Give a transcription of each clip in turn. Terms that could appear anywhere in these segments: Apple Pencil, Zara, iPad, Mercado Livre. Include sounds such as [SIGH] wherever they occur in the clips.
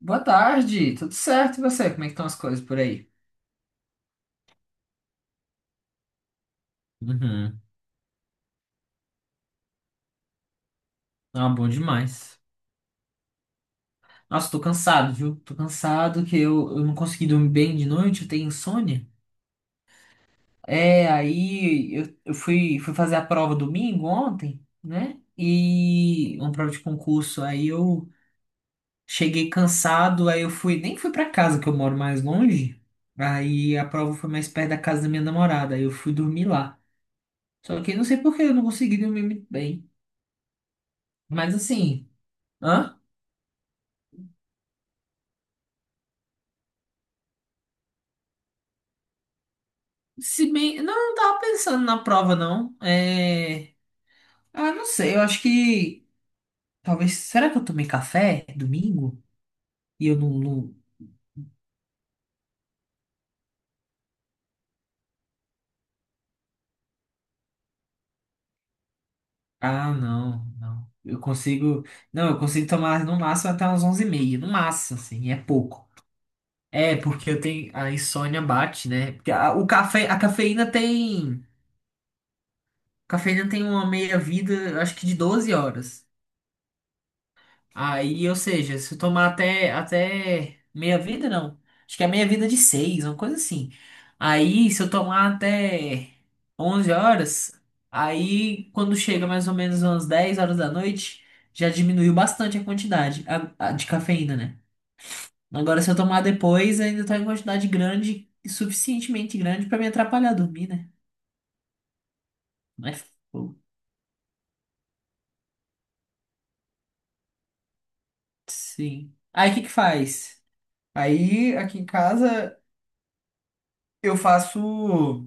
Boa tarde, tudo certo? E você? Como é que estão as coisas por aí? Uhum. Ah, bom demais. Nossa, tô cansado, viu? Tô cansado que eu não consegui dormir bem de noite, eu tenho insônia. É, aí eu fui fazer a prova domingo ontem, né? E uma prova de concurso. Aí eu cheguei cansado, aí eu nem fui pra casa, que eu moro mais longe. Aí a prova foi mais perto da casa da minha namorada, aí eu fui dormir lá. Só que eu não sei por que eu não consegui dormir muito bem. Mas assim, hã? Se bem. Não, eu não tava pensando na prova, não. É. Ah, não sei, eu acho que. Talvez. Será que eu tomei café domingo? E eu não. Ah, não, não. Eu consigo. Não, eu consigo tomar no máximo até umas 11h30. No máximo, assim, e é pouco. É, porque eu tenho. A insônia bate, né? Porque o café, a cafeína tem. A cafeína tem uma meia-vida, eu acho que de 12 horas. Aí, ou seja, se eu tomar até meia vida, não. Acho que é meia vida de seis, uma coisa assim. Aí, se eu tomar até 11 horas, aí quando chega mais ou menos umas 10 horas da noite, já diminuiu bastante a quantidade a de cafeína, né? Agora, se eu tomar depois, ainda tá em quantidade grande, e suficientemente grande pra me atrapalhar a dormir, né? Mas, pô, sim. Aí, o que que faz? Aí, aqui em casa, eu faço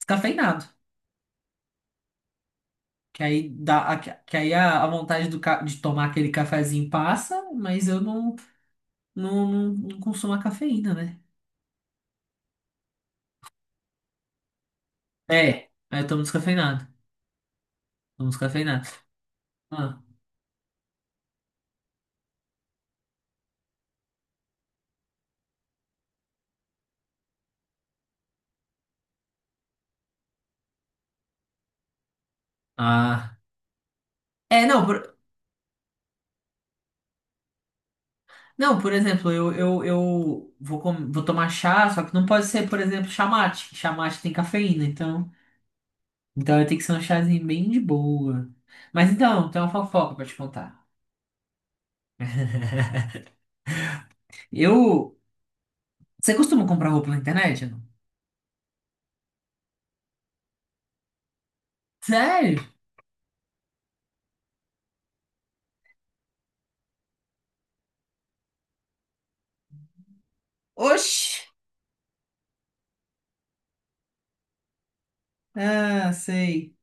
descafeinado. Que aí, que aí a vontade de tomar aquele cafezinho passa, mas eu não consumo a cafeína, né? É, aí eu tomo descafeinado. Tomo descafeinado. Ah, ah. É, não, não, por exemplo, eu vou tomar chá, só que não pode ser, por exemplo, chá mate, que chá mate tem cafeína, então, tem que ser um chazinho bem de boa. Mas então, tem uma fofoca pra te contar. Eu. Você costuma comprar roupa na internet? Não? Sério? Oxi! Ah, sei.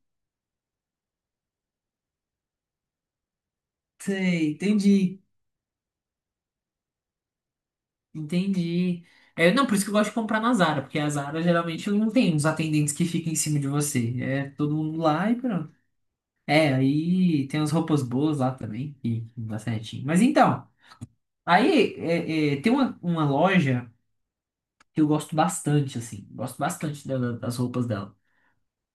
Sei, entendi, entendi. É, não, por isso que eu gosto de comprar na Zara, porque a Zara geralmente não tem uns atendentes que ficam em cima de você. É todo mundo lá e pronto. É, aí tem umas roupas boas lá também, que dá certinho. Mas então, aí tem uma loja que eu gosto bastante, assim. Gosto bastante das roupas dela.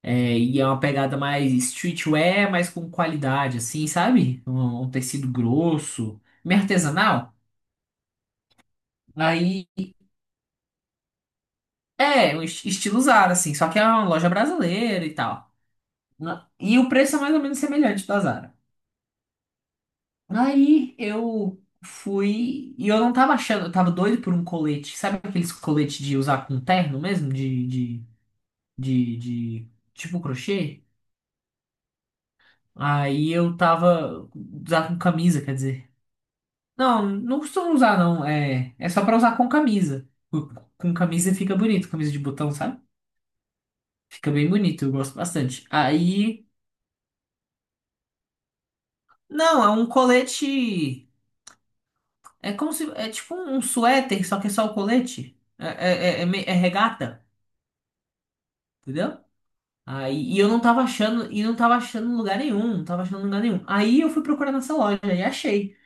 É, e é uma pegada mais streetwear, mas com qualidade, assim, sabe? Um tecido grosso, meio artesanal. Aí. É, um estilo Zara, assim, só que é uma loja brasileira e tal. E o preço é mais ou menos semelhante da Zara. Aí eu fui e eu não tava achando, eu tava doido por um colete. Sabe aqueles coletes de usar com terno mesmo? De tipo crochê? Aí eu tava usar com camisa, quer dizer. Não, não costumo usar, não. É, é só pra usar com camisa. Com com camisa fica bonito, camisa de botão, sabe? Fica bem bonito, eu gosto bastante. Aí. Não, é um colete. É como se. É tipo um suéter, só que é só o colete. É regata, entendeu? Aí, e eu não tava achando, e não tava achando em lugar nenhum, não tava achando em lugar nenhum. Aí eu fui procurar nessa loja e achei.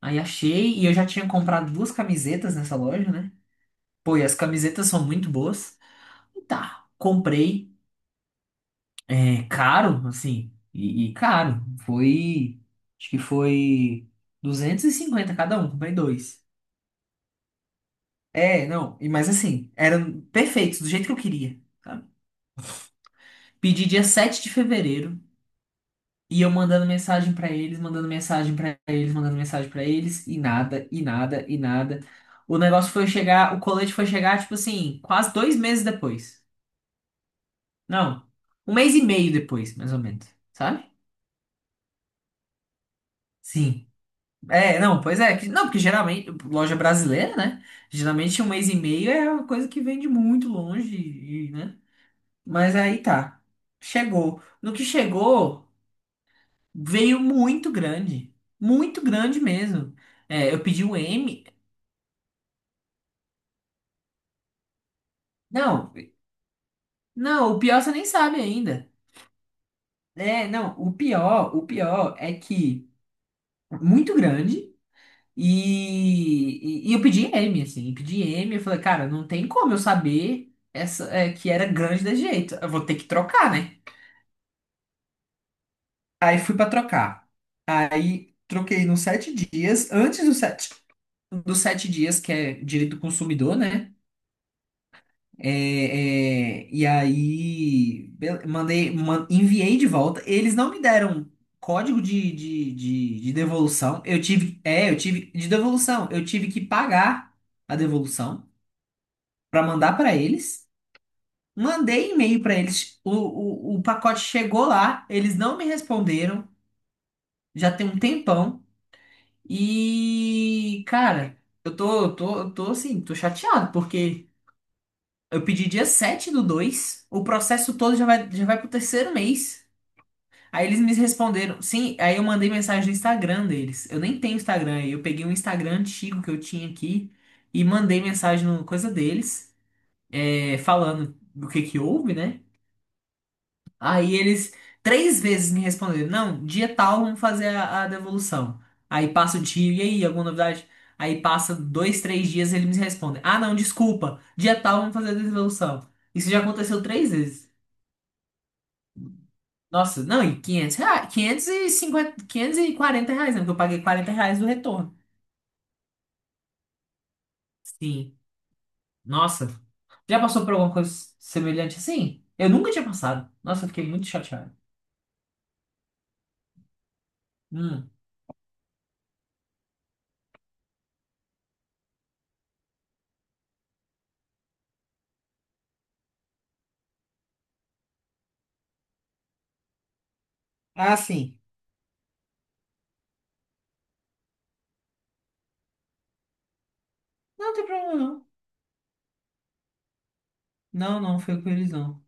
Aí achei, e eu já tinha comprado duas camisetas nessa loja, né? Pô, e as camisetas são muito boas. E tá, comprei. É caro, assim, e caro. Foi. Acho que foi 250 cada um, comprei dois. É, não, e mas assim, eram perfeitos, do jeito que eu queria, sabe? Pedi dia 7 de fevereiro, e eu mandando mensagem pra eles, mandando mensagem pra eles, mandando mensagem pra eles, e nada, e nada, e nada. O negócio foi chegar, o colete foi chegar, tipo assim, quase 2 meses depois. Não, um mês e meio depois, mais ou menos, sabe? Sim. É, não, pois é, não, porque geralmente, loja brasileira, né? Geralmente um mês e meio é uma coisa que vem de muito longe, e, né? Mas aí tá. Chegou. No que chegou, veio muito grande. Muito grande mesmo. É, eu pedi o M. Não, não, o pior você nem sabe ainda. É, não, o pior é que muito grande. E eu pedi M, assim, pedi M, eu falei, cara, não tem como eu saber essa, que era grande desse jeito. Eu vou ter que trocar, né? Aí fui pra trocar. Aí troquei nos 7 dias. Antes do sete. Dos 7 dias, que é direito do consumidor, né? É, e aí enviei de volta. Eles não me deram código de devolução. Eu tive de devolução. Eu tive que pagar a devolução para mandar para eles. Mandei e-mail para eles. O pacote chegou lá. Eles não me responderam. Já tem um tempão. E, cara, eu tô assim, tô chateado porque eu pedi dia 7 do 2. O processo todo já vai pro terceiro mês. Aí eles me responderam, sim, aí eu mandei mensagem no Instagram deles. Eu nem tenho Instagram, aí eu peguei um Instagram antigo que eu tinha aqui e mandei mensagem no coisa deles, falando do que houve, né? Aí eles três vezes me responderam, não, dia tal vamos fazer a devolução. Aí passa o dia, e aí, alguma novidade? Aí passa dois, três dias eles me respondem, ah não, desculpa, dia tal vamos fazer a devolução. Isso já aconteceu três vezes. Nossa, não, e R$ 500, 550, R$ 540, né? Porque eu paguei R$ 40 do retorno. Sim. Nossa. Já passou por alguma coisa semelhante assim? Eu nunca tinha passado. Nossa, eu fiquei muito chateado. Hum. Ah, sim. Não tem problema, não. Não, não, foi com eles, não.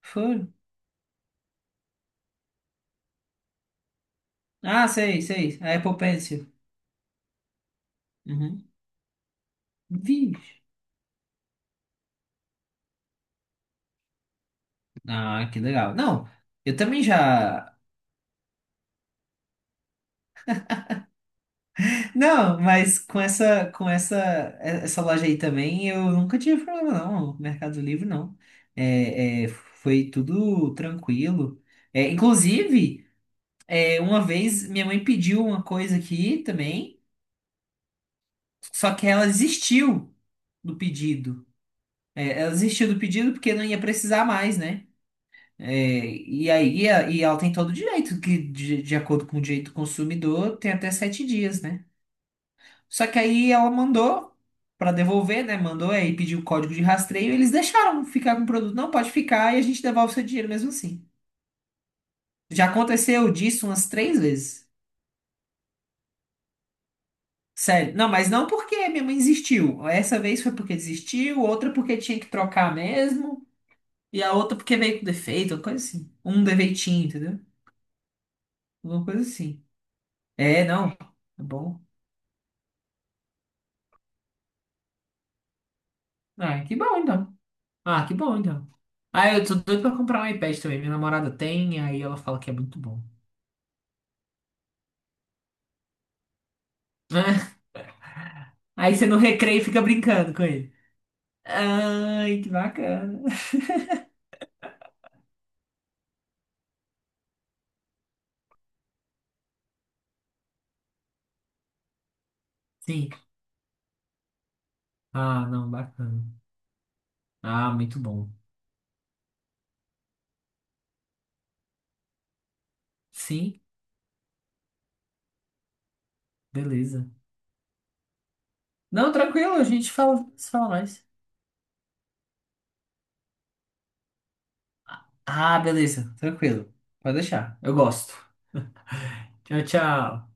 Foram. Ah, sei, sei. A Apple Pencil. Uhum. Vixe. Ah, que legal. Não, eu também já. Não, mas com essa loja aí também, eu nunca tive problema, não. Mercado Livre, não. É, foi tudo tranquilo. É, inclusive, uma vez minha mãe pediu uma coisa aqui também, só que ela desistiu do pedido. É, ela desistiu do pedido porque não ia precisar mais, né? É, e aí, e ela tem todo o direito, que de acordo com o direito do consumidor, tem até 7 dias, né? Só que aí ela mandou pra devolver, né? Mandou aí pediu o código de rastreio. Eles deixaram ficar com o produto. Não, pode ficar e a gente devolve seu dinheiro mesmo assim. Já aconteceu disso umas três vezes. Sério. Não, mas não porque minha mãe insistiu. Essa vez foi porque desistiu, outra porque tinha que trocar mesmo, e a outra porque veio com defeito, uma coisa assim. Um defeitinho, entendeu? Alguma coisa assim. É, não. Tá bom. Ah, que bom então. Ah, que bom então. Ah, eu tô doido pra comprar um iPad também. Minha namorada tem, aí ela fala que é muito bom. [LAUGHS] Aí você no recreio fica brincando com ele. Ai, que bacana. Sim. Ah, não, bacana. Ah, muito bom. Sim, beleza. Não, tranquilo, a gente fala, se fala mais. Ah, beleza, tranquilo. Pode deixar. Eu gosto. Tchau, tchau.